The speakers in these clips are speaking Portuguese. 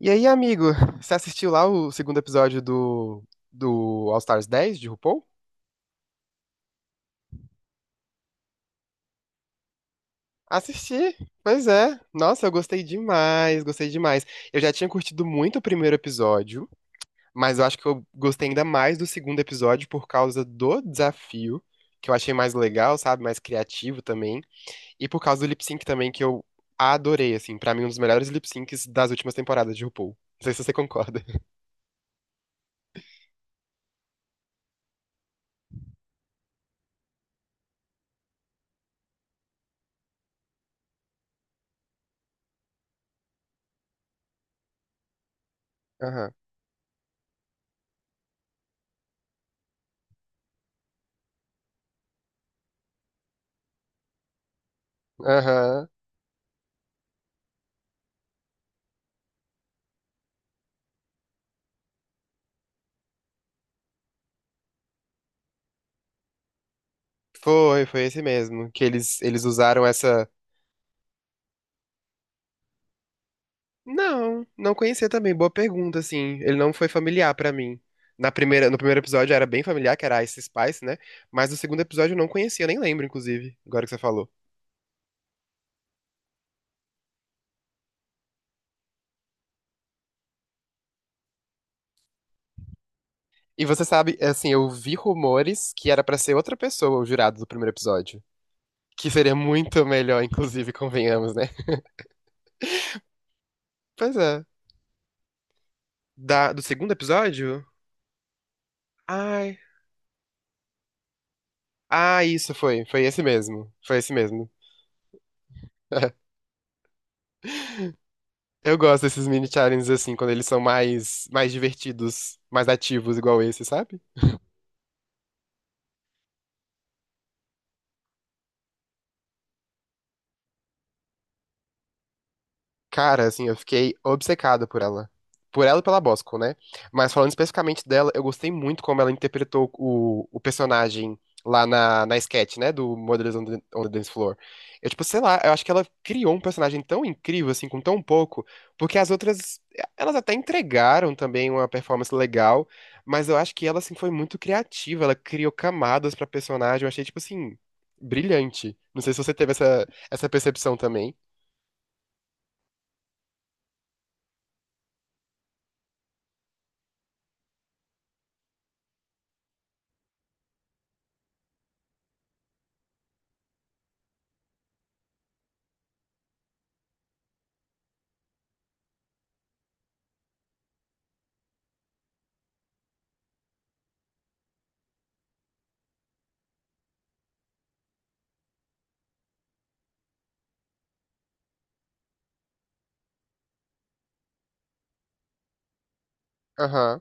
E aí, amigo, você assistiu lá o segundo episódio do All Stars 10 de RuPaul? Assisti, pois é. Nossa, eu gostei demais, gostei demais. Eu já tinha curtido muito o primeiro episódio, mas eu acho que eu gostei ainda mais do segundo episódio por causa do desafio, que eu achei mais legal, sabe? Mais criativo também. E por causa do lip sync também, que eu adorei, assim. Pra mim, um dos melhores lip syncs das últimas temporadas de RuPaul. Não sei se você concorda. Aham, aham. Foi, foi esse mesmo, que eles usaram essa. Não, não conhecia também. Boa pergunta, assim. Ele não foi familiar pra mim. Na primeira, no primeiro episódio era bem familiar, que era Ice Spice, né? Mas no segundo episódio eu não conhecia, eu nem lembro, inclusive, agora que você falou. E você sabe, é assim, eu vi rumores que era pra ser outra pessoa o jurado do primeiro episódio. Que seria muito melhor, inclusive, convenhamos, né? Pois é. Do segundo episódio? Ai. Ah, isso foi. Foi esse mesmo. Foi esse mesmo. Eu gosto desses mini challenges assim, quando eles são mais divertidos, mais ativos, igual esse, sabe? Cara, assim, eu fiquei obcecado por ela. Por ela e pela Bosco, né? Mas falando especificamente dela, eu gostei muito como ela interpretou o personagem lá na sketch, né? Do Mothers on the Dance Floor. Eu, tipo, sei lá, eu acho que ela criou um personagem tão incrível, assim, com tão pouco, porque as outras, elas até entregaram também uma performance legal, mas eu acho que ela, assim, foi muito criativa. Ela criou camadas pra personagem. Eu achei, tipo, assim, brilhante. Não sei se você teve essa percepção também. Aham.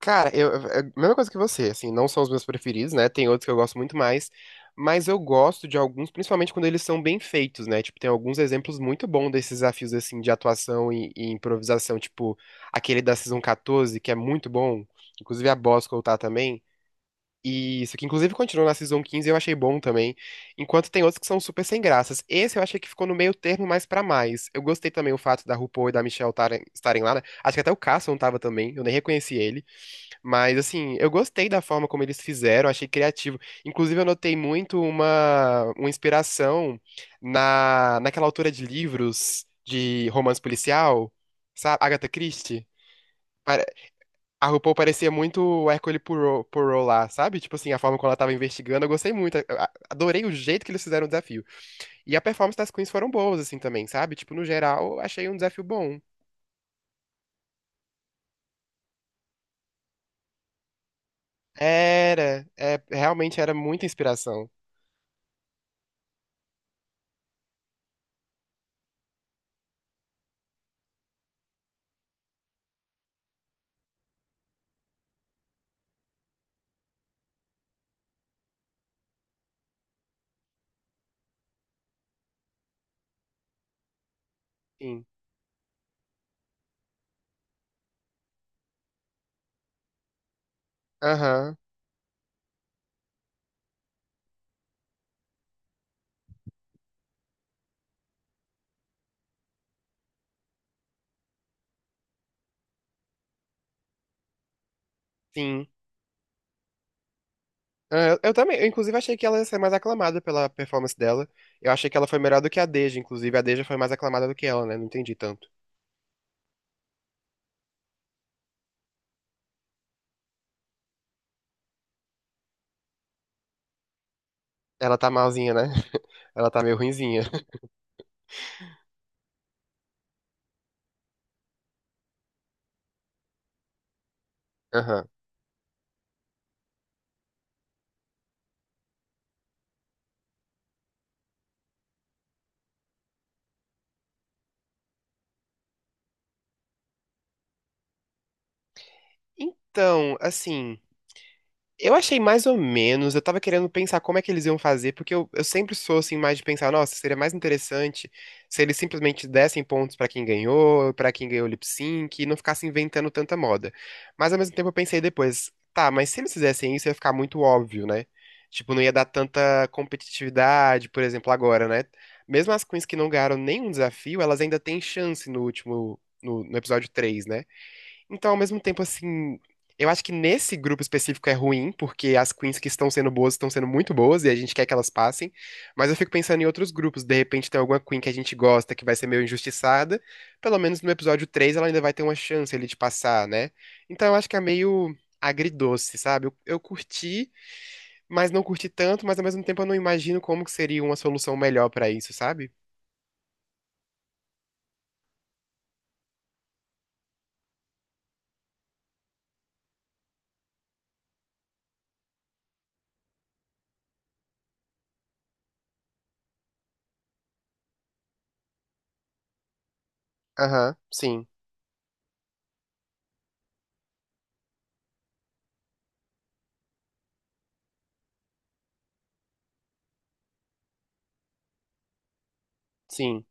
Cara, eu é a mesma coisa que você, assim, não são os meus preferidos, né? Tem outros que eu gosto muito mais, mas eu gosto de alguns, principalmente quando eles são bem feitos, né? Tipo, tem alguns exemplos muito bons desses desafios, assim, de atuação e improvisação, tipo, aquele da Season 14, que é muito bom, inclusive a Bosco tá também, e isso que inclusive continuou na Season quinze eu achei bom também, enquanto tem outros que são super sem graças. Esse eu achei que ficou no meio termo mais pra mais. Eu gostei também o fato da RuPaul e da Michelle estarem lá, né? Acho que até o Carson tava também, eu nem reconheci ele. Mas, assim, eu gostei da forma como eles fizeram, achei criativo. Inclusive, eu notei muito uma inspiração na, naquela autora de livros de romance policial, sabe? Agatha Christie. Pare- A RuPaul parecia muito o Hercule Poirot, Poirot lá, sabe? Tipo assim, a forma como ela tava investigando, eu gostei muito. Adorei o jeito que eles fizeram o desafio. E a performance das queens foram boas, assim, também, sabe? Tipo, no geral, eu achei um desafio bom. Era, é, realmente era muita inspiração. Sim. Aham. Sim. É, eu também, eu inclusive achei que ela ia ser mais aclamada pela performance dela. Eu achei que ela foi melhor do que a Deja, inclusive a Deja foi mais aclamada do que ela, né? Não entendi tanto. Ela tá malzinha, né? Ela tá meio ruinzinha. Aham. Então, assim. Eu achei mais ou menos, eu tava querendo pensar como é que eles iam fazer, porque eu sempre sou assim mais de pensar, nossa, seria mais interessante se eles simplesmente dessem pontos pra quem ganhou o lip sync, e não ficassem inventando tanta moda. Mas ao mesmo tempo eu pensei depois, tá, mas se eles fizessem isso ia ficar muito óbvio, né? Tipo, não ia dar tanta competitividade, por exemplo, agora, né? Mesmo as queens que não ganharam nenhum desafio, elas ainda têm chance no último, no episódio 3, né? Então, ao mesmo tempo, assim, eu acho que nesse grupo específico é ruim, porque as queens que estão sendo boas estão sendo muito boas e a gente quer que elas passem. Mas eu fico pensando em outros grupos. De repente tem alguma queen que a gente gosta que vai ser meio injustiçada. Pelo menos no episódio 3 ela ainda vai ter uma chance ali de passar, né? Então eu acho que é meio agridoce, sabe? Eu curti, mas não curti tanto, mas ao mesmo tempo eu não imagino como que seria uma solução melhor pra isso, sabe? Aham, sim, sim.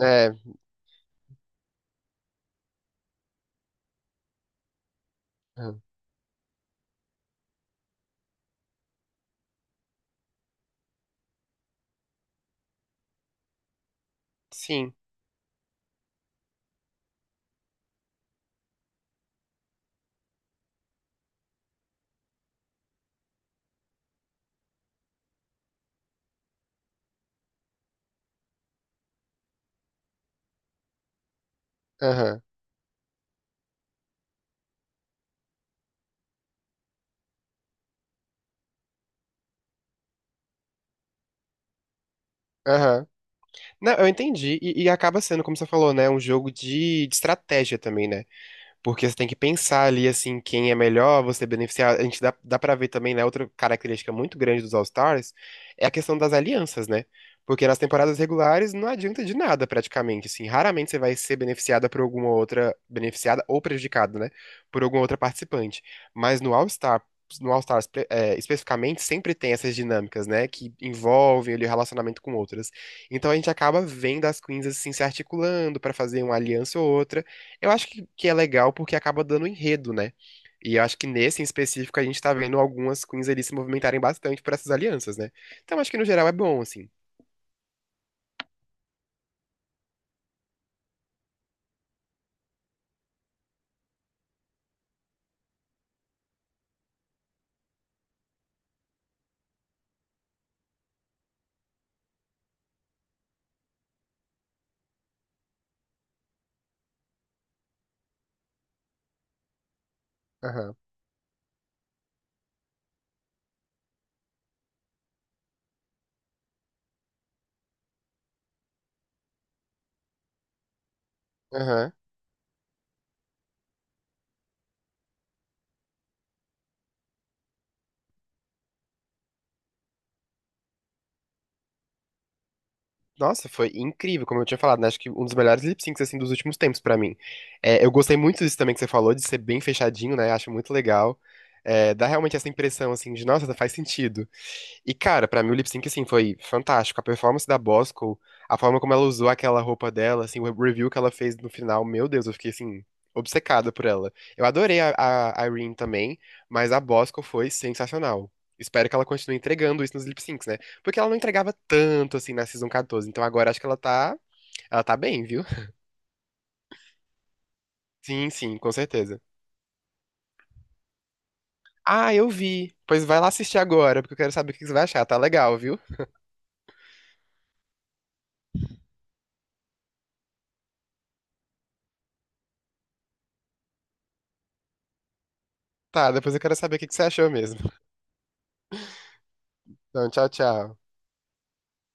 É, aham, sim, aham, aham. Não, eu entendi. E acaba sendo, como você falou, né? Um jogo de estratégia também, né? Porque você tem que pensar ali, assim, quem é melhor, você beneficiar. A gente dá pra ver também, né? Outra característica muito grande dos All-Stars é a questão das alianças, né? Porque nas temporadas regulares não adianta de nada, praticamente, assim. Raramente você vai ser beneficiada por alguma outra. Beneficiada ou prejudicada, né? Por alguma outra participante. Mas no All-Star, no All-Stars, é, especificamente, sempre tem essas dinâmicas, né? Que envolvem ali o relacionamento com outras. Então a gente acaba vendo as queens, assim, se articulando pra fazer uma aliança ou outra. Eu acho que é legal porque acaba dando enredo, né? E eu acho que nesse em específico a gente tá vendo algumas queens ali se movimentarem bastante por essas alianças, né? Então acho que no geral é bom, assim. Aham. Aham. Nossa, foi incrível, como eu tinha falado, né? Acho que um dos melhores lip syncs assim dos últimos tempos pra mim. É, eu gostei muito disso também que você falou, de ser bem fechadinho, né? Acho muito legal. É, dá realmente essa impressão assim de, nossa, faz sentido. E cara, pra mim o lip sync assim foi fantástico. A performance da Bosco, a forma como ela usou aquela roupa dela, assim, o review que ela fez no final, meu Deus, eu fiquei assim obcecada por ela. Eu adorei a Irene também, mas a Bosco foi sensacional. Espero que ela continue entregando isso nos lip syncs, né? Porque ela não entregava tanto assim na Season 14. Então agora acho que ela tá bem, viu? Sim, sim, com certeza. Ah, eu vi. Pois vai lá assistir agora, porque eu quero saber o que que você vai achar. Tá legal, viu? Tá, depois eu quero saber o que que você achou mesmo. Então, tchau, tchau.